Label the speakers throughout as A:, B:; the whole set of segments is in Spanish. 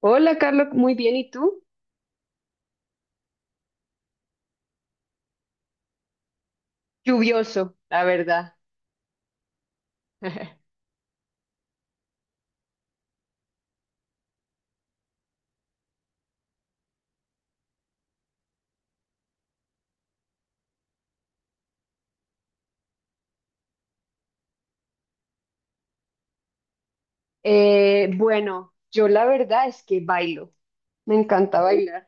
A: Hola, Carlos, muy bien. ¿Y tú? Lluvioso, la verdad. Bueno, yo la verdad es que bailo. Me encanta bailar.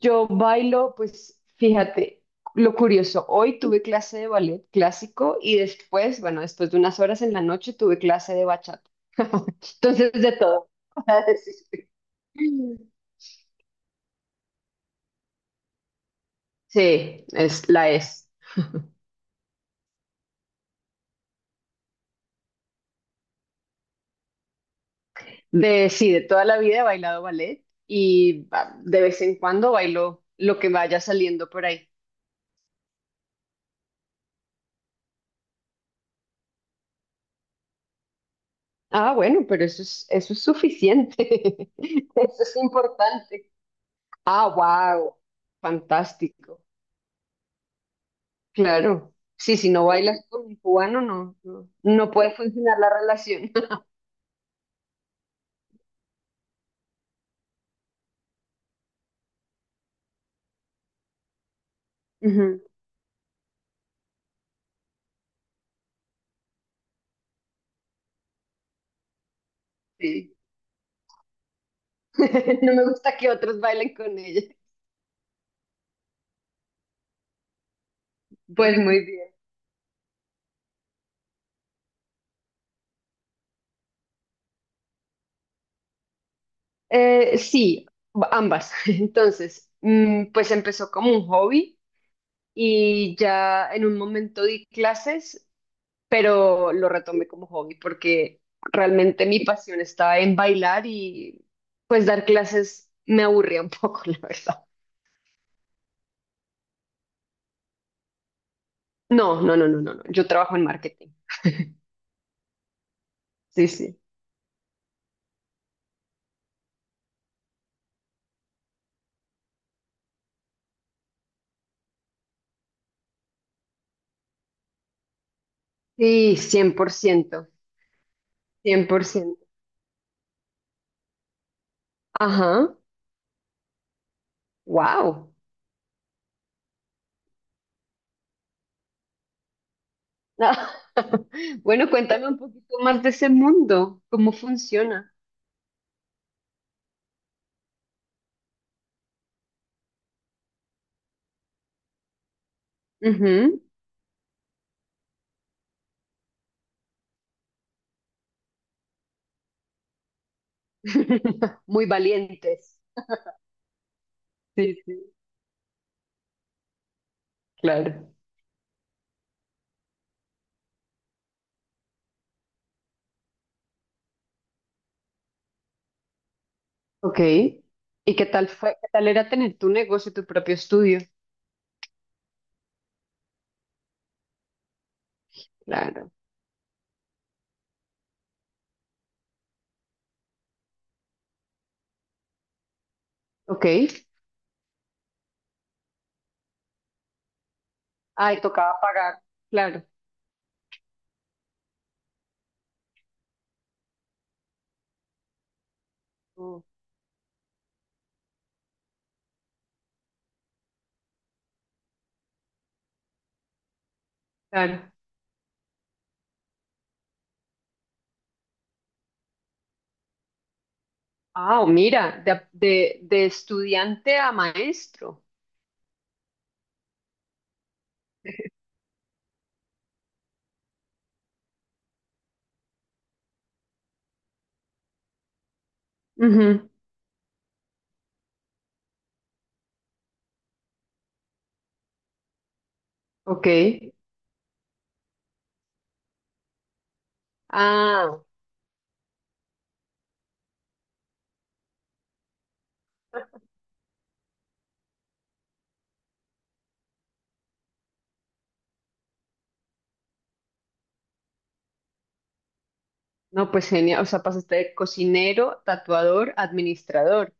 A: Yo bailo, pues fíjate, lo curioso, hoy tuve clase de ballet clásico y después, bueno, después de unas horas en la noche tuve clase de bachata. Entonces, de todo. Sí, es la es. Sí, de toda la vida he bailado ballet y de vez en cuando bailo lo que vaya saliendo por ahí. Ah, bueno, pero eso es suficiente. Eso es importante. Ah, wow. Fantástico. Claro. Sí, si no bailas con un cubano, no, no, no puede funcionar la relación. Ujú. Sí. No me gusta que otros bailen con ella. Pues muy bien. Sí, ambas. Entonces, pues empezó como un hobby y ya en un momento di clases, pero lo retomé como hobby porque realmente mi pasión estaba en bailar y pues dar clases me aburría un poco, la verdad. No, no, no, no, no, no. Yo trabajo en marketing. Sí, sí. Sí, cien por ciento, 100%. Ajá, wow. Bueno, cuéntame un poquito más de ese mundo, cómo funciona. Ujú. Muy valientes. Sí, sí, claro. Ok. ¿Y qué tal fue? ¿Qué tal era tener tu negocio, tu propio estudio? Claro. Ok. Ay, tocaba pagar. Claro. Mm, claro. Ah, mira, de estudiante a maestro. Ujú. Ok. Ah, no, pues genial. O sea, pasaste de cocinero, tatuador, administrador.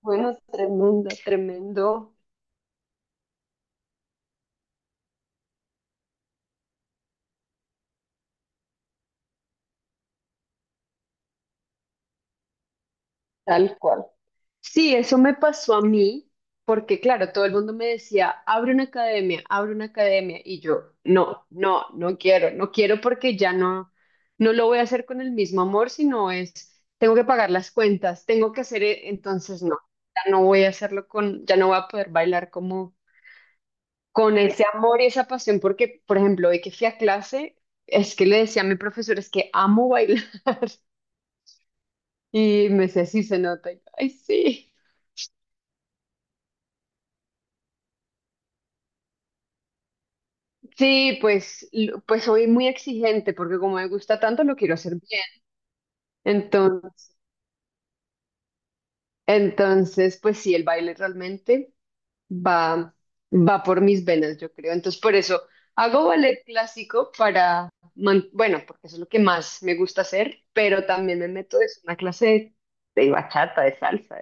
A: Bueno, tremendo, tremendo. Tal cual. Sí, eso me pasó a mí, porque claro, todo el mundo me decía, abre una academia, y yo, no, no, no quiero, no quiero porque ya no, no lo voy a hacer con el mismo amor, sino es, tengo que pagar las cuentas, tengo que hacer, entonces no, ya no voy a hacerlo con, ya no voy a poder bailar como con ese amor y esa pasión, porque, por ejemplo, hoy que fui a clase, es que le decía a mi profesor, es que amo bailar, y me decía, sí, se nota, y yo, ay, sí. Sí, pues, pues soy muy exigente porque como me gusta tanto lo quiero hacer bien. Entonces, pues sí, el baile realmente va, va por mis venas, yo creo. Entonces, por eso hago ballet clásico para, bueno, porque eso es lo que más me gusta hacer, pero también me meto es una clase de, bachata, de salsa.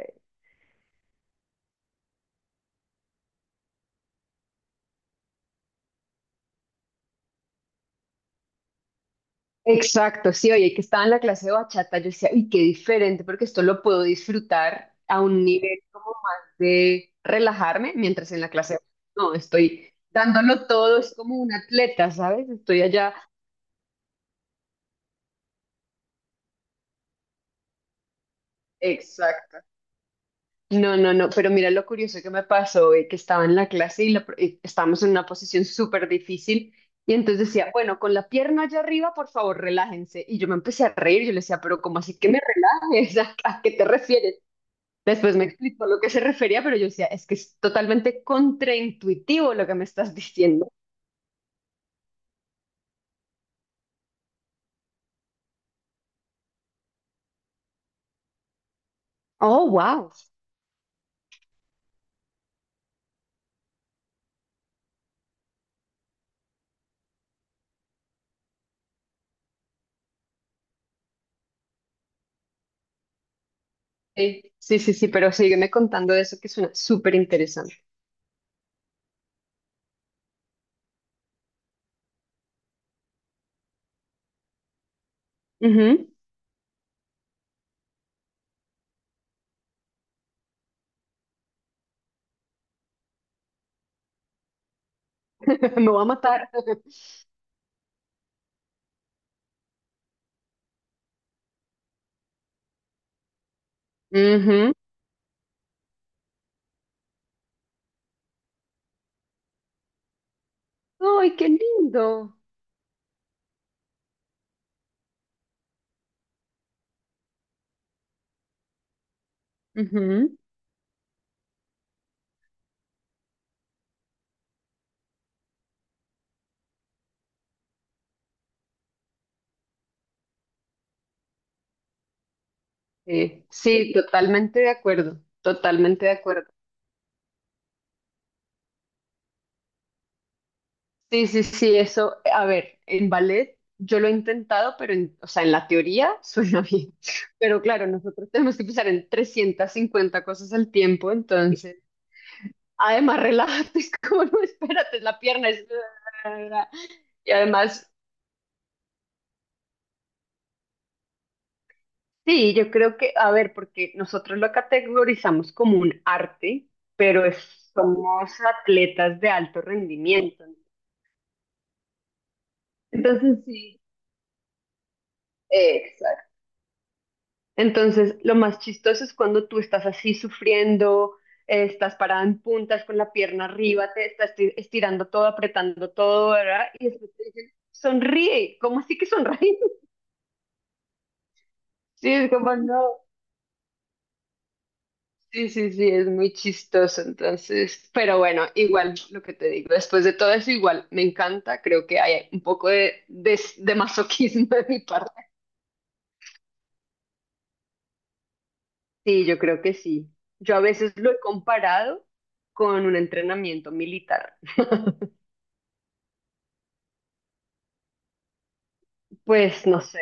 A: Exacto, sí, oye, que estaba en la clase de bachata, yo decía, uy, qué diferente, porque esto lo puedo disfrutar a un nivel como más de relajarme, mientras en la clase de no, estoy dándolo todo, es como un atleta, ¿sabes? Estoy allá. Exacto. No, no, no, pero mira lo curioso que me pasó, que estaba en la clase y, y estábamos en una posición súper difícil, y entonces decía, bueno, con la pierna allá arriba, por favor, relájense. Y yo me empecé a reír, yo le decía, pero ¿cómo así que me relajes? ¿A qué te refieres? Después me explicó lo que se refería, pero yo decía, es que es totalmente contraintuitivo lo que me estás diciendo. Oh, wow. Sí, sí, sí, sí, pero sígueme contando de eso que suena súper interesante. Ujú. Me va a matar. Ujú. Ay, qué lindo. Ujú. Sí, sí, totalmente de acuerdo, totalmente de acuerdo. Sí, sí, sí, eso, a ver, en ballet yo lo he intentado, pero en, o sea, en la teoría suena bien, pero claro, nosotros tenemos que pensar en 350 cosas al tiempo, entonces, además, relájate, es como, no, espérate, la pierna es... Y además, sí, yo creo que, a ver, porque nosotros lo categorizamos como un arte, pero somos atletas de alto rendimiento, entonces sí. eh, Entonces, lo más chistoso es cuando tú estás así sufriendo, estás parada en puntas con la pierna arriba, te estás estirando todo, apretando todo, ¿verdad? Y después te dicen, sonríe, ¿cómo así que sonríe? Sí, es como no. Sí, sí, sí, es muy chistoso, entonces, pero bueno, igual lo que te digo, después de todo eso, igual me encanta, creo que hay un poco de, de masoquismo de mi parte. Sí, yo creo que sí. Yo a veces lo he comparado con un entrenamiento militar. Pues no sé.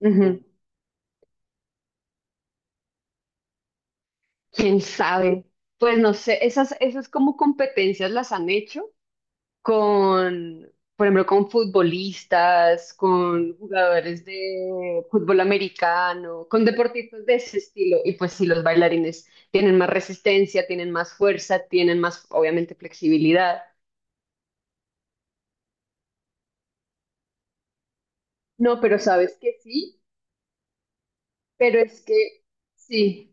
A: Ujú. ¿Quién sabe? Pues no sé, esas, esas como competencias las han hecho con, por ejemplo, con futbolistas, con jugadores de fútbol americano, con deportistas de ese estilo. Y pues sí, los bailarines tienen más resistencia, tienen más fuerza, tienen más, obviamente, flexibilidad. No, pero sabes que sí, pero es que sí.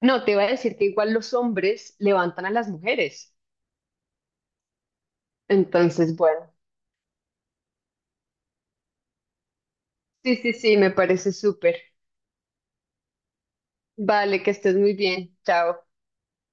A: No, te iba a decir que igual los hombres levantan a las mujeres. Entonces, bueno, sí, sí, sí, me parece súper. Vale, que estés muy bien. Chao.